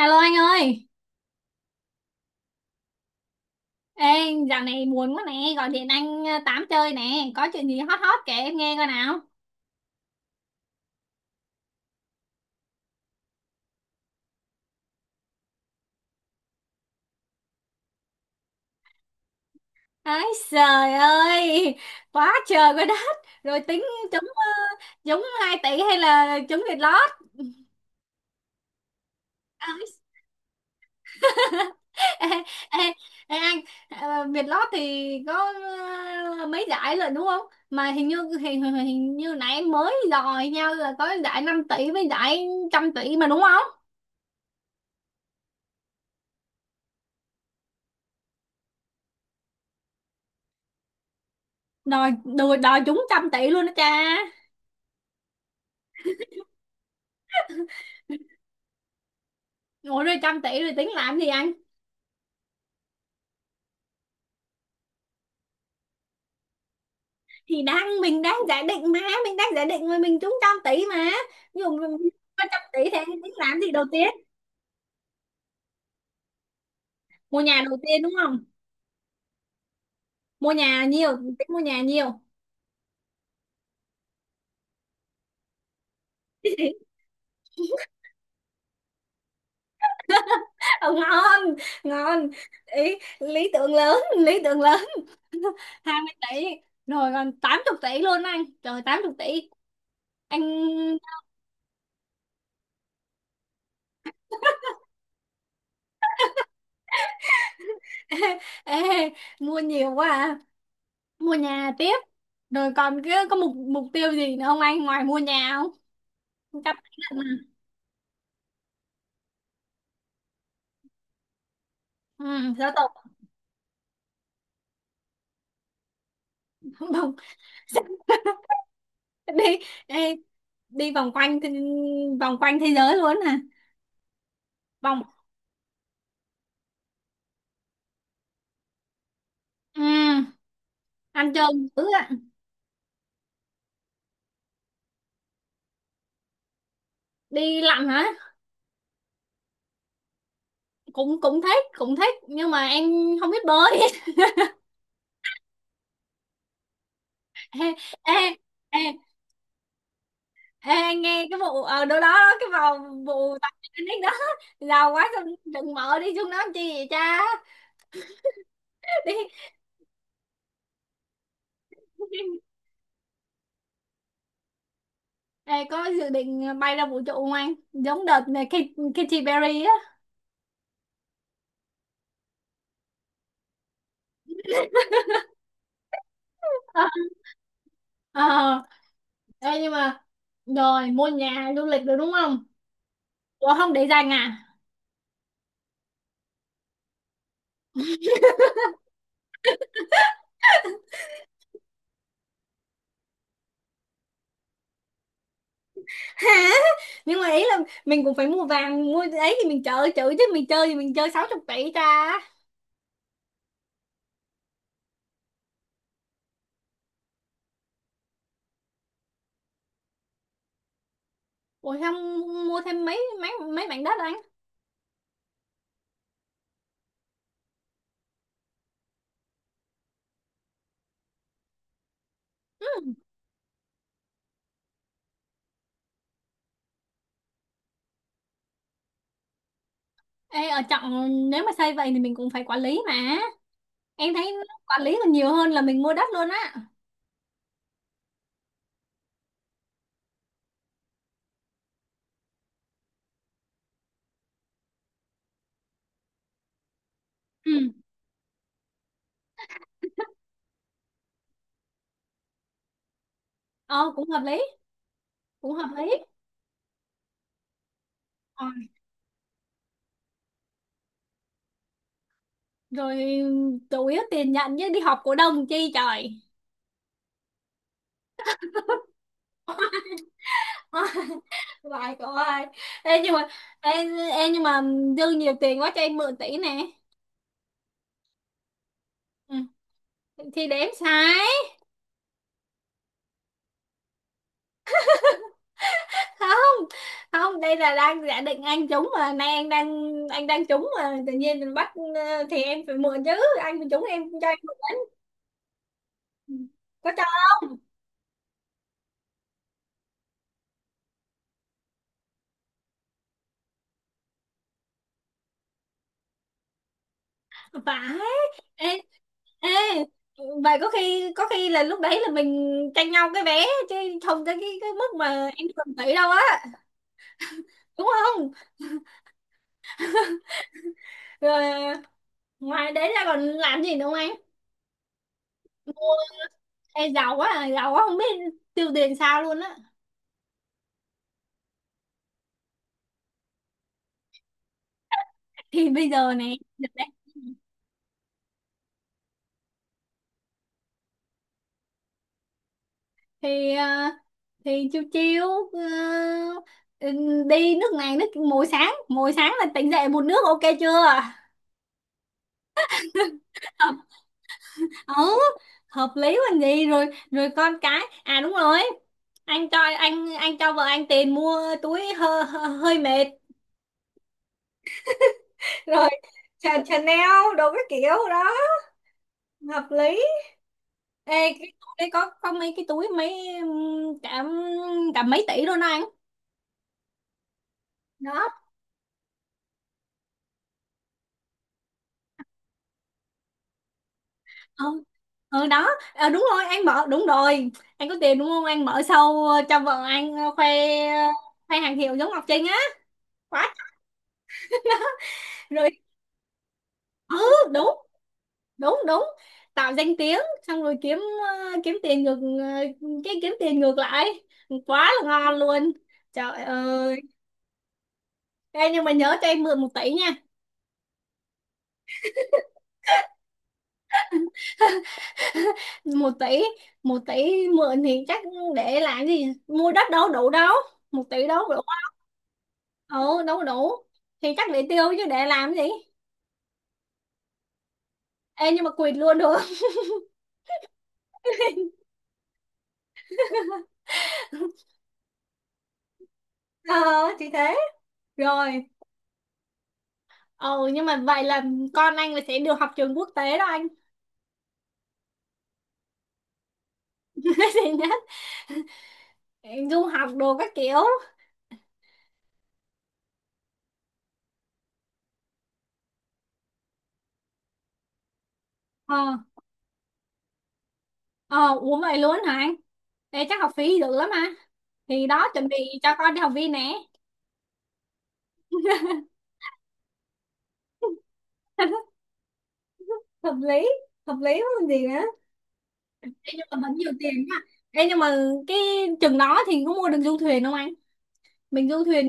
Alo anh ơi, ê, dạo này buồn quá nè, gọi điện anh, tám chơi nè, có chuyện gì hot hot kể em nghe coi nào. Ái, trời ơi, quá trời quá đất! Rồi tính trúng ờ, trúng 2 tỷ hay là trúng Việt lót. Ái, ê, ê, ê, anh, Việt lót thì có mấy giải rồi đúng không? Mà hình như nãy em mới dò nhau là có giải 5 tỷ với giải 100 tỷ mà đúng không? Đòi đòi, đòi trúng 100 tỷ luôn đó cha. Ủa rồi 100 tỷ rồi tính làm gì anh? Thì đang mình đang giả định mà, mình đang giả định rồi mình trúng 100 tỷ mà. Ví dụ mình có 100 tỷ thì anh tính làm gì đầu tiên? Mua nhà đầu tiên đúng không? Mua nhà nhiều, tính mua nhà nhiều. Ờ, ngon, ngon. Ý, lý tưởng lớn, lý tưởng lớn. 20 tỷ, rồi còn 80 tỷ luôn anh. Trời, 80 tỷ. Anh, ê, mua nhiều quá à. Mua nhà tiếp. Rồi còn cái có mục mục tiêu gì nữa không anh ngoài mua nhà không? 100 tỷ lần. Ừ, giáo tộc. vòng đi, đi đi vòng quanh thế giới luôn hả? Vòng, ừ, ăn chơi dữ ạ. Đi lặn hả? Cũng cũng thích cũng thích nhưng mà em không biết bơi. ê, ê, ê, ê, anh nghe cái vụ ở đâu đó đó, cái vào vụ tập đó giàu quá xong đừng mở đi xuống đó làm chi vậy cha. đi, ê, có dự định bay ra vũ trụ không anh, giống đợt này Katy Katy Perry á? Ờ, ờ. Ê, nhưng mà rồi mua nhà du lịch được đúng không? Ủa không để dành à? Hả, nhưng mà ý là mình cũng phải mua vàng mua ấy thì mình chơi chữ chứ mình chơi thì mình chơi 60 tỷ ra. Ủa không, mua thêm mấy mấy mấy mảnh đất anh. Ừ. Ê, ở trọng nếu mà xây vậy thì mình cũng phải quản lý mà, em thấy quản lý còn nhiều hơn là mình mua đất luôn á. Ừ, ờ cũng hợp lý, cũng hợp lý. Ờ, rồi chủ yếu tiền nhận chứ đi họp cổ đông chi trời. lại cậu ơi. Ê nhưng mà, ê, ê nhưng mà dư nhiều tiền quá cho em mượn tỷ nè. Ừ, thì đếm sai. Không không, đây là đang giả định anh trúng mà, nay anh đang, anh đang trúng mà tự nhiên mình bắt, thì em phải mượn chứ. Anh mà trúng em cho em mượn đấy. Ừ. Có cho anh phải, ê, ê, vậy có khi, có khi là lúc đấy là mình tranh nhau cái vé chứ không tới cái mức mà em cần tỷ đâu á, đúng không? Rồi ngoài đấy ra còn làm gì nữa không anh? Ê, giàu quá à, giàu quá không biết tiêu tiền sao luôn á. Thì bây giờ này được đấy. Thì thì chiêu chiêu, ờ, ừ, đi nước này nước, mỗi sáng, mỗi sáng là tỉnh dậy một nước ok chưa? hợp, ừ, hợp lý còn gì. Rồi, rồi con cái, à đúng rồi, anh cho anh cho vợ anh tiền mua túi, hơi, hơi mệt. rồi Chanel đồ cái kiểu đó hợp lý. Ê, cái túi đấy có mấy cái túi mấy, cả, cả mấy tỷ luôn đó anh. Đó, ừ, ừ đó. Ờ, đúng rồi, anh mở đúng rồi, anh có tiền đúng không, anh mở sâu cho vợ anh khoe, khoe hàng hiệu giống Ngọc Trinh á. Quá. rồi, ừ, đúng đúng đúng, tạo danh tiếng xong rồi kiếm, kiếm tiền ngược, cái kiếm tiền ngược lại quá là ngon luôn. Trời ơi. Ê, nhưng mà nhớ cho em mượn 1 tỷ. một tỷ, 1 tỷ mượn thì chắc để làm gì, mua đất đâu đủ đâu, 1 tỷ đâu đủ. Ừ đâu đủ, thì chắc để tiêu chứ để làm gì. Ê nhưng mà quỵt luôn được không? ờ thì thế. Rồi, ừ, nhưng mà vậy là con anh là sẽ được học trường quốc tế đó anh. nó sẽ nhất, du học đồ các kiểu. Ờ, ờ uống vậy luôn hả anh? Ê chắc học phí được lắm mà. Thì đó, chuẩn bị cho con đi học viên nè. hợp lý, hợp lý không còn gì nữa. Ê, nhưng mà vẫn nhiều tiền nha. Ê, nhưng mà cái chừng đó thì có mua được du thuyền không anh? Mình du thuyền.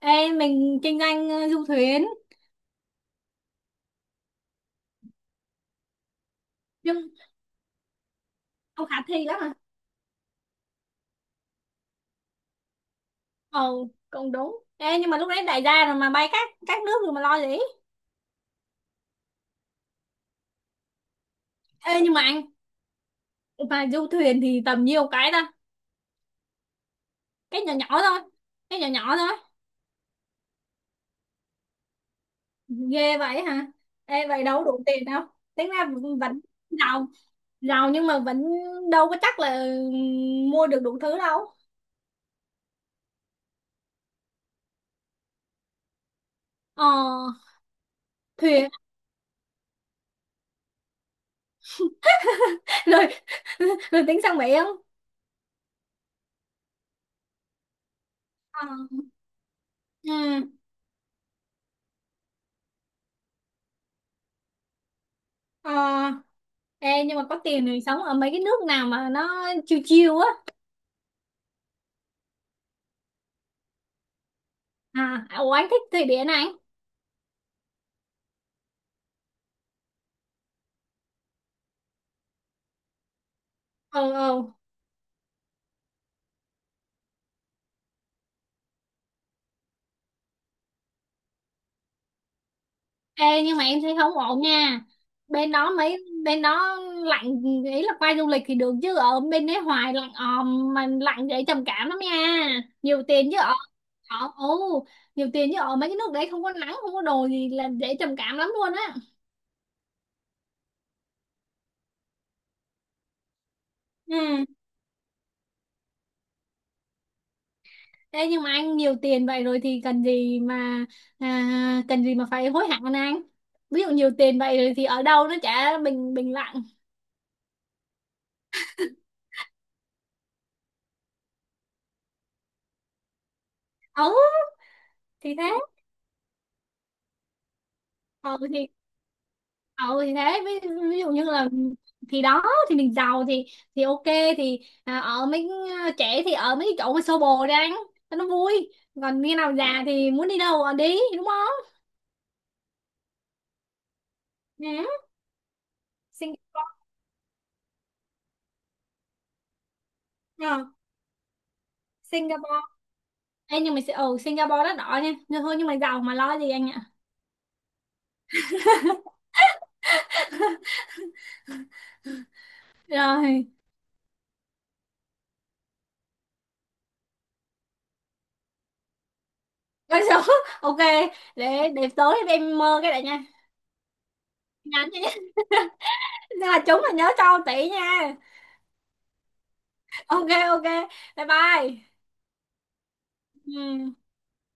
Ê, mình kinh doanh du thuyền. Nhưng không khả thi lắm à? Ờ cũng đúng. Ê, nhưng mà lúc đấy đại gia rồi mà bay các nước rồi mà lo gì. Ê, nhưng mà anh mà du thuyền thì tầm nhiêu cái ta? Cái nhỏ nhỏ thôi, cái nhỏ nhỏ thôi. Ghê vậy hả? Ê, vậy đâu đủ tiền đâu, tính ra vẫn vẫn giàu, giàu nhưng mà vẫn đâu có chắc là mua được đủ thứ đâu. Ờ thuyền. Lười, lười tính sang Mỹ không? Ờ, ừ, ờ, ê, nhưng mà có tiền thì sống ở mấy cái nước nào mà nó chill chill á? À ủa anh thích Thụy Điển này. Ừ, ừ. Ê nhưng mà em thấy không ổn nha, bên đó mấy bên đó lạnh, ý là qua du lịch thì được chứ ở bên đấy hoài lạnh òm mà lạnh dễ trầm cảm lắm nha. Nhiều tiền chứ ở, ở, ừ, nhiều tiền chứ ở mấy cái nước đấy không có nắng không có đồ gì là dễ trầm cảm lắm luôn á. Ừ. Ê, nhưng mà anh nhiều tiền vậy rồi thì cần gì mà, à, cần gì mà phải hối hận anh, ví dụ nhiều tiền vậy rồi thì ở đâu nó chả bình bình lặng. Ừ thì thế. Ừ thì, ừ thì thế ví dụ như là, thì đó, thì mình giàu thì ok, thì à, ở mấy, à, trẻ thì ở mấy cái chỗ mà xô bồ đi anh cho nó vui. Còn khi nào già thì muốn đi đâu ở đi đúng không? Nè. Singapore. Ờ, Singapore. Ê, nhưng mà ở Singapore rất đỏ nha nhưng thôi nhưng mà giàu mà lo gì anh ạ. Rồi. Con số ok. Để tối em mơ cái này nha, nhắn cho nhá. là chúng là nhớ cho tỷ nha. Ok, ok, bye bye. Ừ.